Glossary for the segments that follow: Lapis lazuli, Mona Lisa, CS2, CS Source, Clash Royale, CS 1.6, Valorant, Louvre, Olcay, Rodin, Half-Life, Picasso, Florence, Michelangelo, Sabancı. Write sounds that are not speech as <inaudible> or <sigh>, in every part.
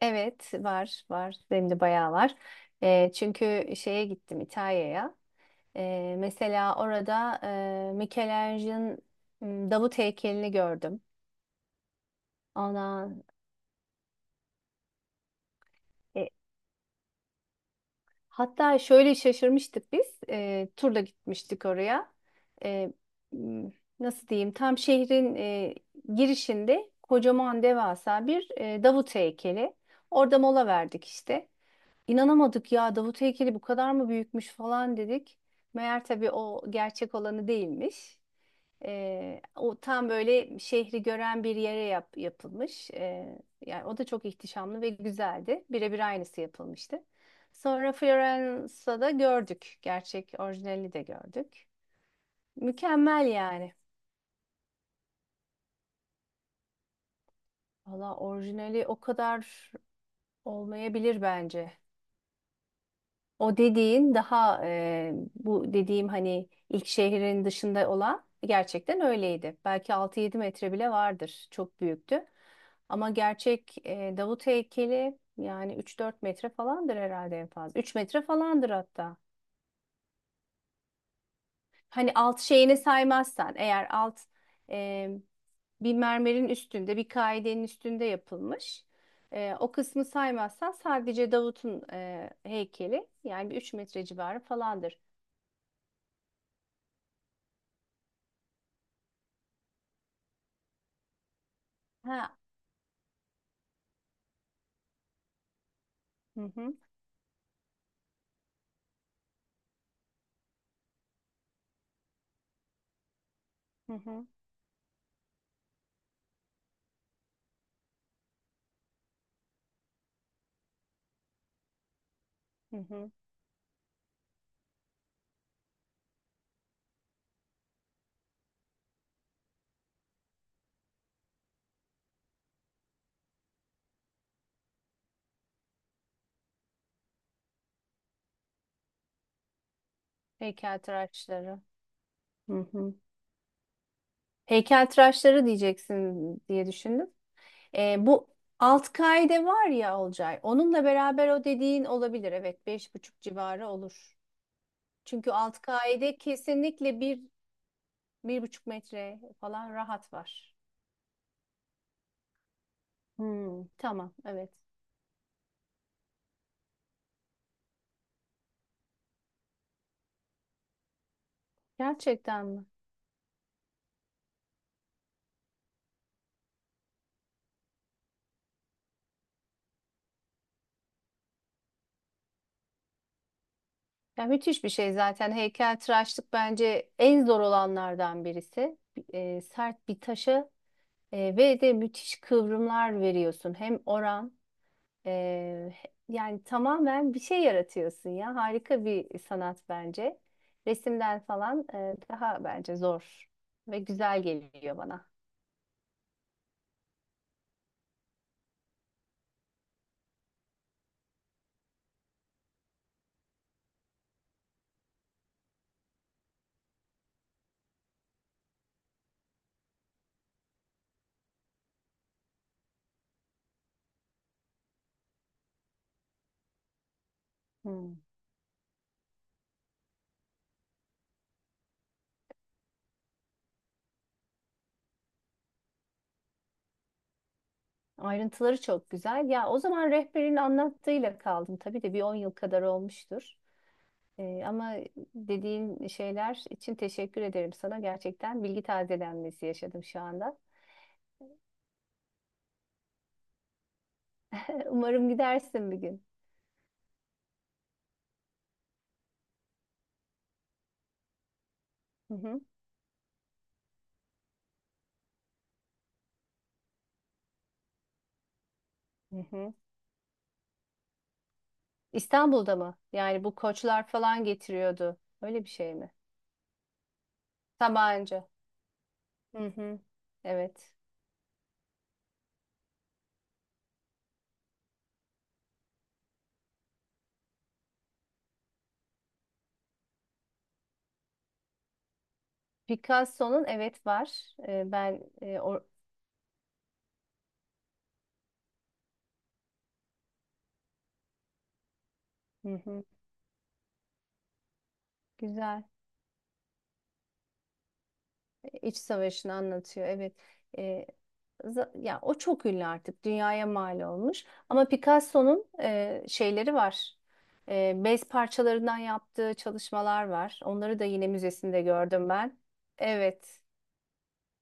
Evet var var benim de bayağı var. Çünkü şeye gittim İtalya'ya. Mesela orada Michelangelo'nun Davut heykelini gördüm. Ona e, hatta şöyle şaşırmıştık biz. Turla gitmiştik oraya. Eee, m, nasıl diyeyim? Tam şehrin girişinde kocaman devasa bir Davut heykeli. Orada mola verdik işte. İnanamadık ya Davut heykeli bu kadar mı büyükmüş falan dedik. Meğer tabii o gerçek olanı değilmiş. O tam böyle şehri gören bir yere yapılmış. Yani o da çok ihtişamlı ve güzeldi. Birebir aynısı yapılmıştı. Sonra Florence'da da gördük. Gerçek orijinali de gördük. Mükemmel yani. Valla orijinali o kadar olmayabilir bence. O dediğin daha e, bu dediğim hani ilk şehrin dışında olan gerçekten öyleydi. Belki 6-7 metre bile vardır. Çok büyüktü. Ama gerçek Davut heykeli yani 3-4 metre falandır herhalde en fazla. 3 metre falandır hatta. Hani alt şeyini saymazsan eğer alt e, bir mermerin üstünde bir kaidenin üstünde yapılmış. O kısmı saymazsan sadece Davut'un heykeli yani bir 3 metre civarı falandır. Ha, hı hı, hı hı, hı hı. Heykeltıraşları. Hı hı. Heykeltıraşları diyeceksin diye düşündüm. Bu alt kaide var ya Olcay. Onunla beraber o dediğin olabilir. Evet, beş buçuk civarı olur. Çünkü alt kaide kesinlikle bir, 1,5 metre falan rahat var. Hmm, tamam, evet. Gerçekten mi? Ya müthiş bir şey zaten. Heykeltıraşlık bence en zor olanlardan birisi. Sert bir taşa ve de müthiş kıvrımlar veriyorsun. E, yani tamamen bir şey yaratıyorsun ya. Harika bir sanat bence. Resimden falan daha bence zor ve güzel geliyor bana. Hmm. Ayrıntıları çok güzel. Ya o zaman rehberin anlattığıyla kaldım. Tabii de bir 10 yıl kadar olmuştur. Ama dediğin şeyler için teşekkür ederim sana. Gerçekten bilgi tazelenmesi yaşadım şu anda. <laughs> Umarım gidersin bir gün. Hı hı. Hı hı. İstanbul'da mı? Yani bu koçlar falan getiriyordu. Öyle bir şey mi? Sabancı. Hı hı. Evet. Picasso'nun evet var. Ben e, o Hı hı. Güzel. İç savaşını anlatıyor. Evet. Ee, ya o çok ünlü artık. Dünyaya mal olmuş. Ama Picasso'nun şeyleri var. Bez parçalarından yaptığı çalışmalar var. Onları da yine müzesinde gördüm ben. Evet.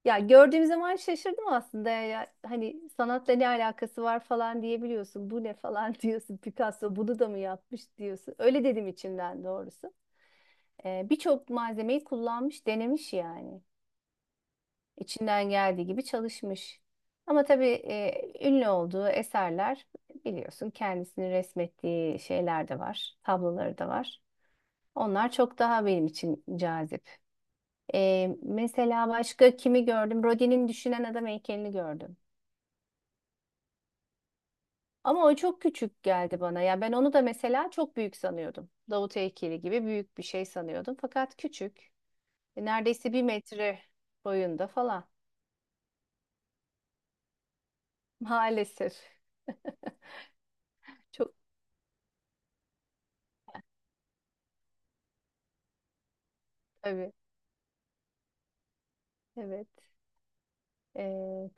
Ya gördüğüm zaman şaşırdım aslında ya. Hani sanatla ne alakası var falan diyebiliyorsun. Bu ne falan <laughs> diyorsun. Picasso bunu da mı yapmış diyorsun. Öyle dedim içimden doğrusu. Birçok malzemeyi kullanmış, denemiş yani. İçinden geldiği gibi çalışmış. Ama tabii ünlü olduğu eserler biliyorsun kendisini resmettiği şeyler de var. Tabloları da var. Onlar çok daha benim için cazip. Mesela başka kimi gördüm? Rodin'in Düşünen Adam heykelini gördüm. Ama o çok küçük geldi bana. Ya ben onu da mesela çok büyük sanıyordum. Davut heykeli gibi büyük bir şey sanıyordum. Fakat küçük. Neredeyse bir metre boyunda falan. Maalesef. <laughs> Çok tabii. Evet. E,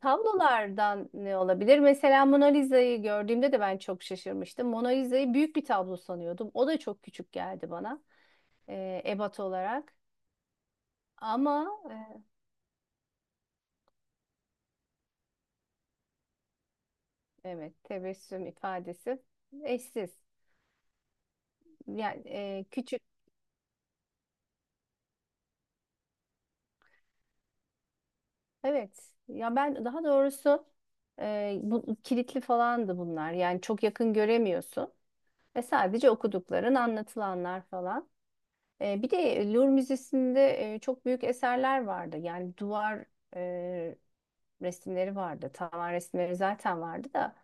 tablolardan ne olabilir? Mesela Mona Lisa'yı gördüğümde de ben çok şaşırmıştım. Mona Lisa'yı büyük bir tablo sanıyordum. O da çok küçük geldi bana. Ebat olarak. Ama evet tebessüm ifadesi eşsiz. Yani küçük. Evet. Ya ben daha doğrusu bu kilitli falandı bunlar. Yani çok yakın göremiyorsun ve sadece okudukların, anlatılanlar falan. Bir de Louvre Müzesi'nde çok büyük eserler vardı. Yani duvar e, resimleri vardı. Tavan resimleri zaten vardı da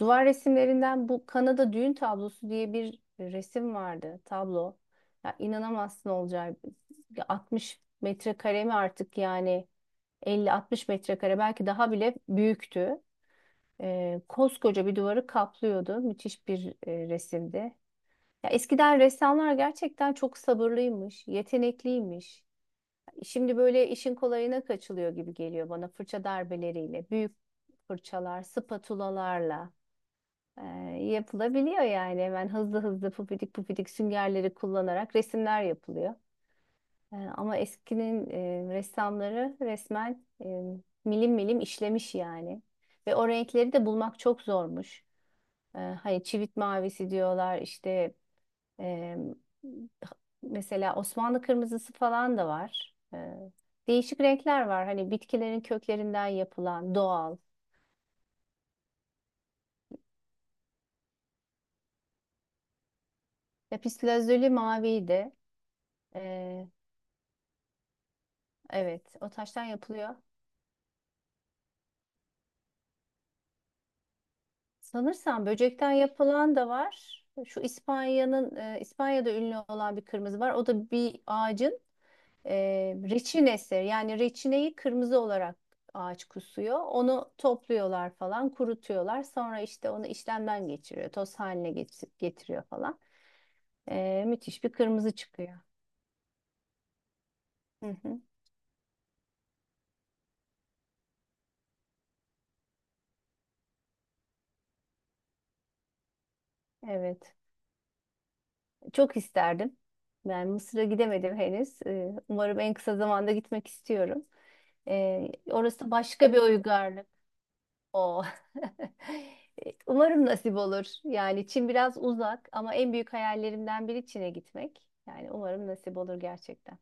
duvar resimlerinden bu Kanada düğün tablosu diye bir resim vardı, tablo. Ya inanamazsın Olcay. Ya 60 metrekare mi artık yani? 50-60 metrekare belki daha bile büyüktü. Koskoca bir duvarı kaplıyordu. Müthiş bir resimdi. Ya eskiden ressamlar gerçekten çok sabırlıymış, yetenekliymiş. Şimdi böyle işin kolayına kaçılıyor gibi geliyor bana fırça darbeleriyle, büyük fırçalar, spatulalarla e, yapılabiliyor yani. Hemen hızlı hızlı pufidik pufidik süngerleri kullanarak resimler yapılıyor. Ama eskinin ressamları resmen milim milim işlemiş yani. Ve o renkleri de bulmak çok zormuş. Hani çivit mavisi diyorlar işte e, mesela Osmanlı kırmızısı falan da var. Değişik renkler var. Hani bitkilerin köklerinden yapılan doğal. Lapis lazuli maviydi. E, evet o taştan yapılıyor. Sanırsam böcekten yapılan da var. Şu İspanya'da ünlü olan bir kırmızı var. O da bir ağacın e, reçinesi. Yani reçineyi kırmızı olarak ağaç kusuyor. Onu topluyorlar falan, kurutuyorlar. Sonra işte onu işlemden geçiriyor, toz haline getiriyor falan. Müthiş bir kırmızı çıkıyor. Hı hı, evet. Çok isterdim. Yani Mısır'a gidemedim henüz. Umarım en kısa zamanda gitmek istiyorum. Orası başka bir uygarlık. O. <laughs> Umarım nasip olur. Yani Çin biraz uzak ama en büyük hayallerimden biri Çin'e gitmek. Yani umarım nasip olur gerçekten.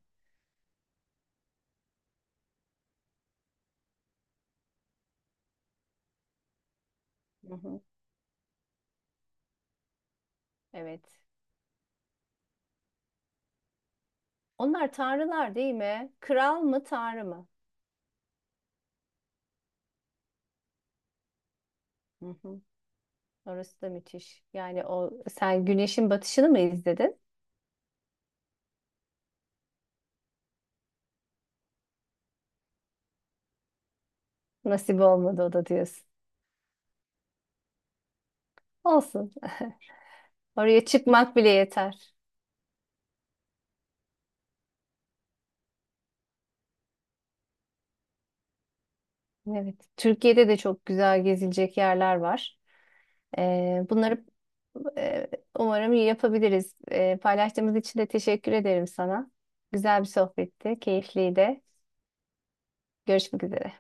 Hı hı. Evet. Onlar tanrılar değil mi? Kral mı, tanrı mı? Hı hı. Orası da müthiş. Yani o sen güneşin batışını mı izledin? Nasip olmadı o da diyorsun. Olsun. <laughs> Oraya çıkmak bile yeter. Evet. Türkiye'de de çok güzel gezilecek yerler var. Bunları e, umarım iyi yapabiliriz. Paylaştığımız için de teşekkür ederim sana. Güzel bir sohbetti, keyifliydi. Görüşmek üzere.